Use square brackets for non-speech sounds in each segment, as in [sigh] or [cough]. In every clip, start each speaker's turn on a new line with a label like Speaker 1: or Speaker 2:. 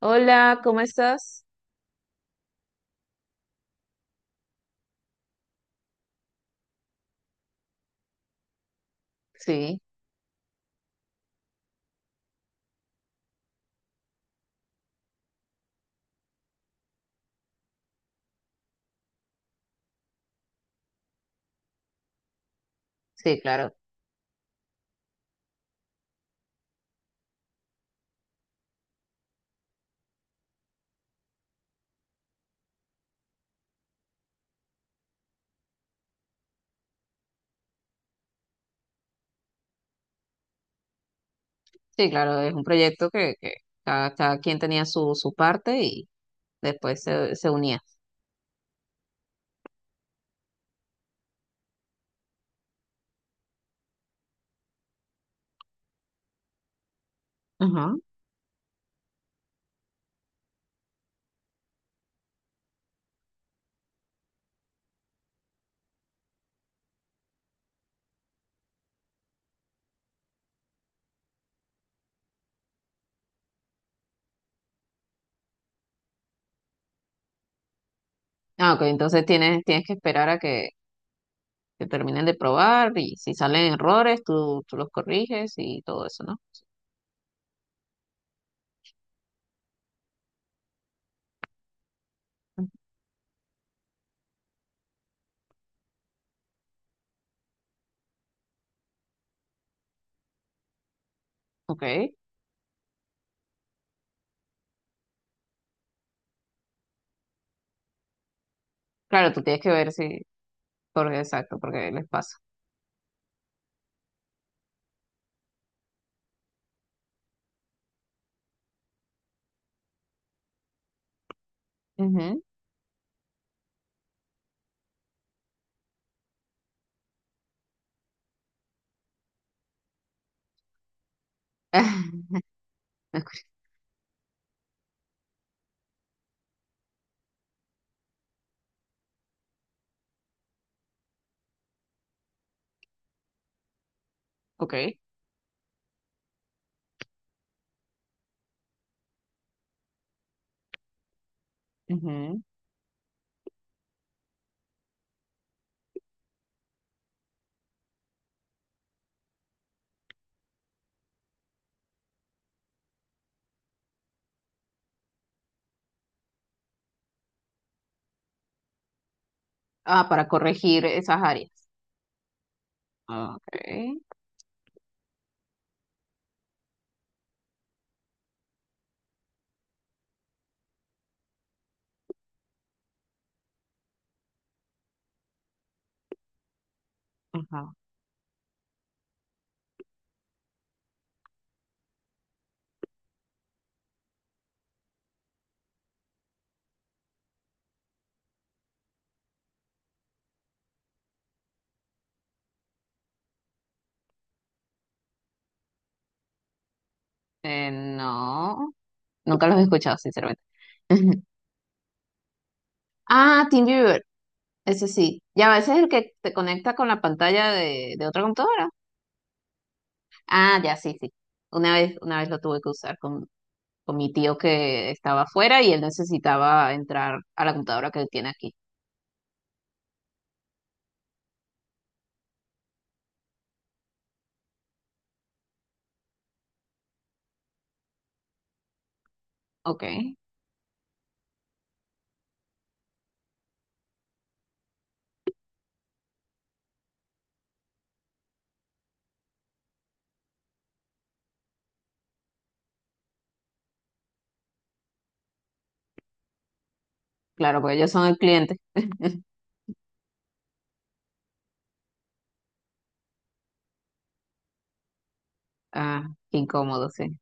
Speaker 1: Hola, ¿cómo estás? Sí, sí, claro. Sí, claro, es un proyecto que cada quien tenía su parte y después se unía. Ajá. Ah, ok, entonces tienes, tienes que esperar a que terminen de probar y si salen errores, tú los corriges y todo eso, ¿no? Ujú. Ok. Claro, tú tienes que ver si, porque exacto, porque les pasa. Ujú. [laughs] Ok. Ujú. Ah, para corregir esas áreas. Ok. Ajá. No. Nunca los he escuchado, sinceramente. [laughs] Ah, Team Viewer, ese sí. Ya a veces es el que te conecta con la pantalla de otra computadora. Ah, ya, sí, sí. Una vez lo tuve que usar con mi tío que estaba afuera y él necesitaba entrar a la computadora que él tiene aquí. Ok, claro, porque ellos son el cliente. Ah, qué incómodo, sí.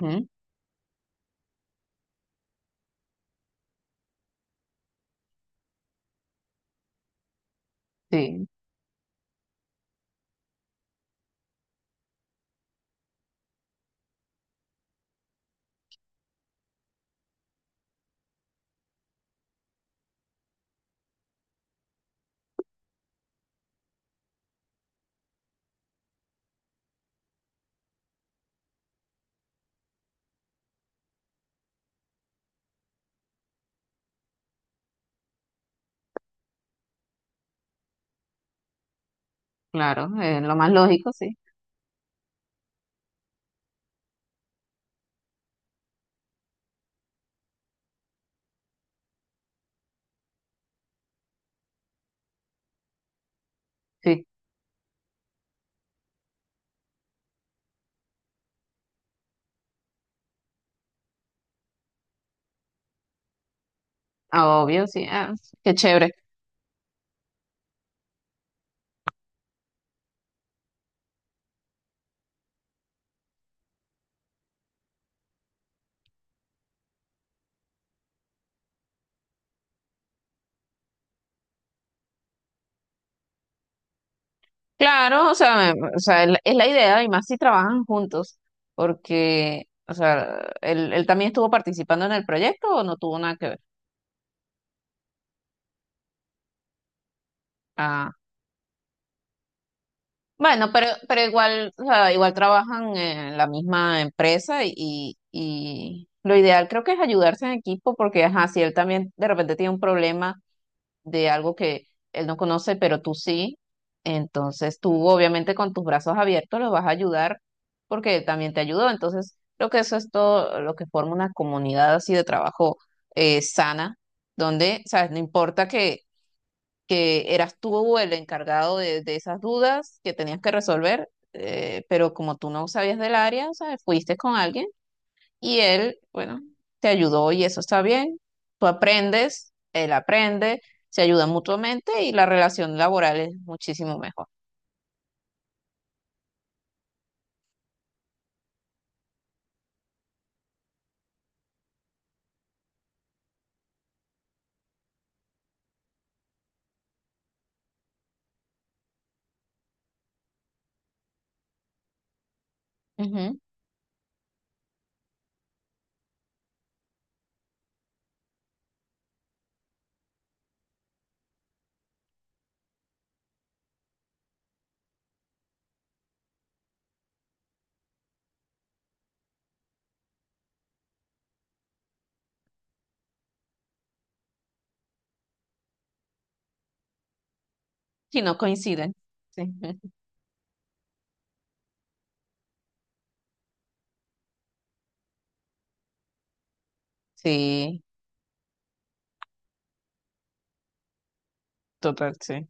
Speaker 1: Mm. Sí, claro, es lo más lógico, sí. Sí, obvio, sí. Ah, qué chévere. Claro, o sea, me- o sea, es la idea, y más si trabajan juntos, porque, o sea, él también estuvo participando en el proyecto o no tuvo nada que ver. Ah, bueno, pero igual, o sea, igual trabajan en la misma empresa y lo ideal creo que es ayudarse en equipo, porque, ajá, si él también de repente tiene un problema de algo que él no conoce, pero tú sí. Entonces tú obviamente con tus brazos abiertos lo vas a ayudar porque él también te ayudó. Entonces creo que eso es todo lo que forma una comunidad así de trabajo sana, donde, sabes, no importa que eras tú el encargado de esas dudas que tenías que resolver, pero como tú no sabías del área, sabes, fuiste con alguien y él, bueno, te ayudó y eso está bien. Tú aprendes, él aprende, se ayudan mutuamente y la relación laboral es muchísimo mejor. Ujú. Si no coinciden. Sí, [laughs] sí, total, sí.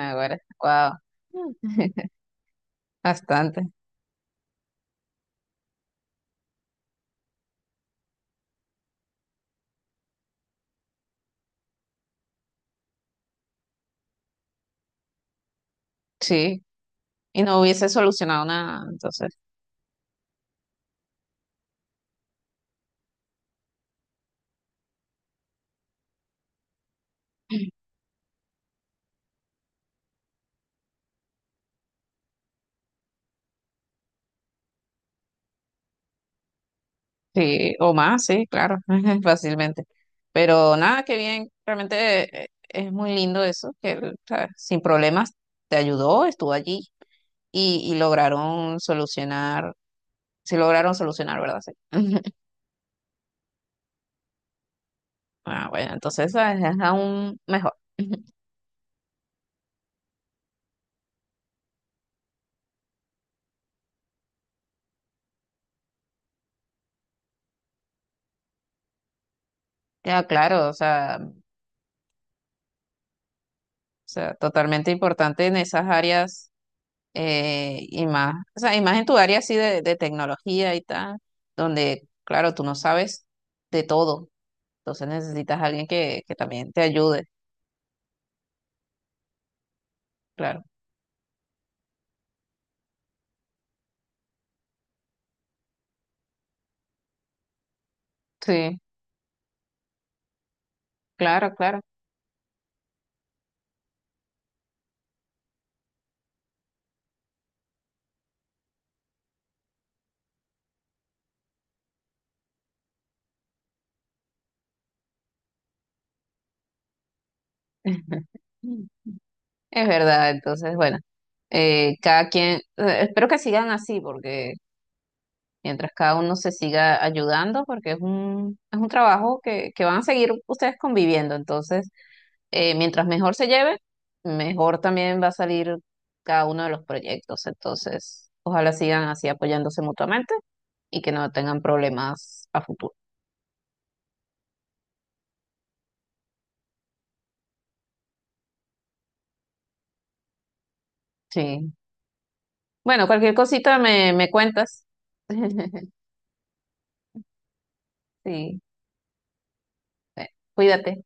Speaker 1: Ahora, wow. [laughs] Bastante. Sí. Y no hubiese solucionado nada, entonces. Sí, o más, sí, claro, [laughs] fácilmente. Pero nada, qué bien, realmente es muy lindo eso, que él, ¿sabes? Sin problemas te ayudó, estuvo allí y lograron solucionar, sí lograron solucionar, ¿verdad? Sí. [laughs] Ah, bueno, entonces ¿sabes? Es aún mejor. [laughs] Ya, claro, o sea, totalmente importante en esas áreas y más, o sea, y más en tu área así de tecnología y tal, donde, claro, tú no sabes de todo. Entonces necesitas a alguien que también te ayude, claro. Sí, claro, claro. [laughs] Es verdad, entonces, bueno, cada quien, espero que sigan así, porque mientras cada uno se siga ayudando, porque es es un trabajo que van a seguir ustedes conviviendo, entonces, mientras mejor se lleve, mejor también va a salir cada uno de los proyectos, entonces, ojalá sigan así apoyándose mutuamente y que no tengan problemas a futuro. Sí. Bueno, cualquier cosita me cuentas. [laughs] Sí, bueno, cuídate.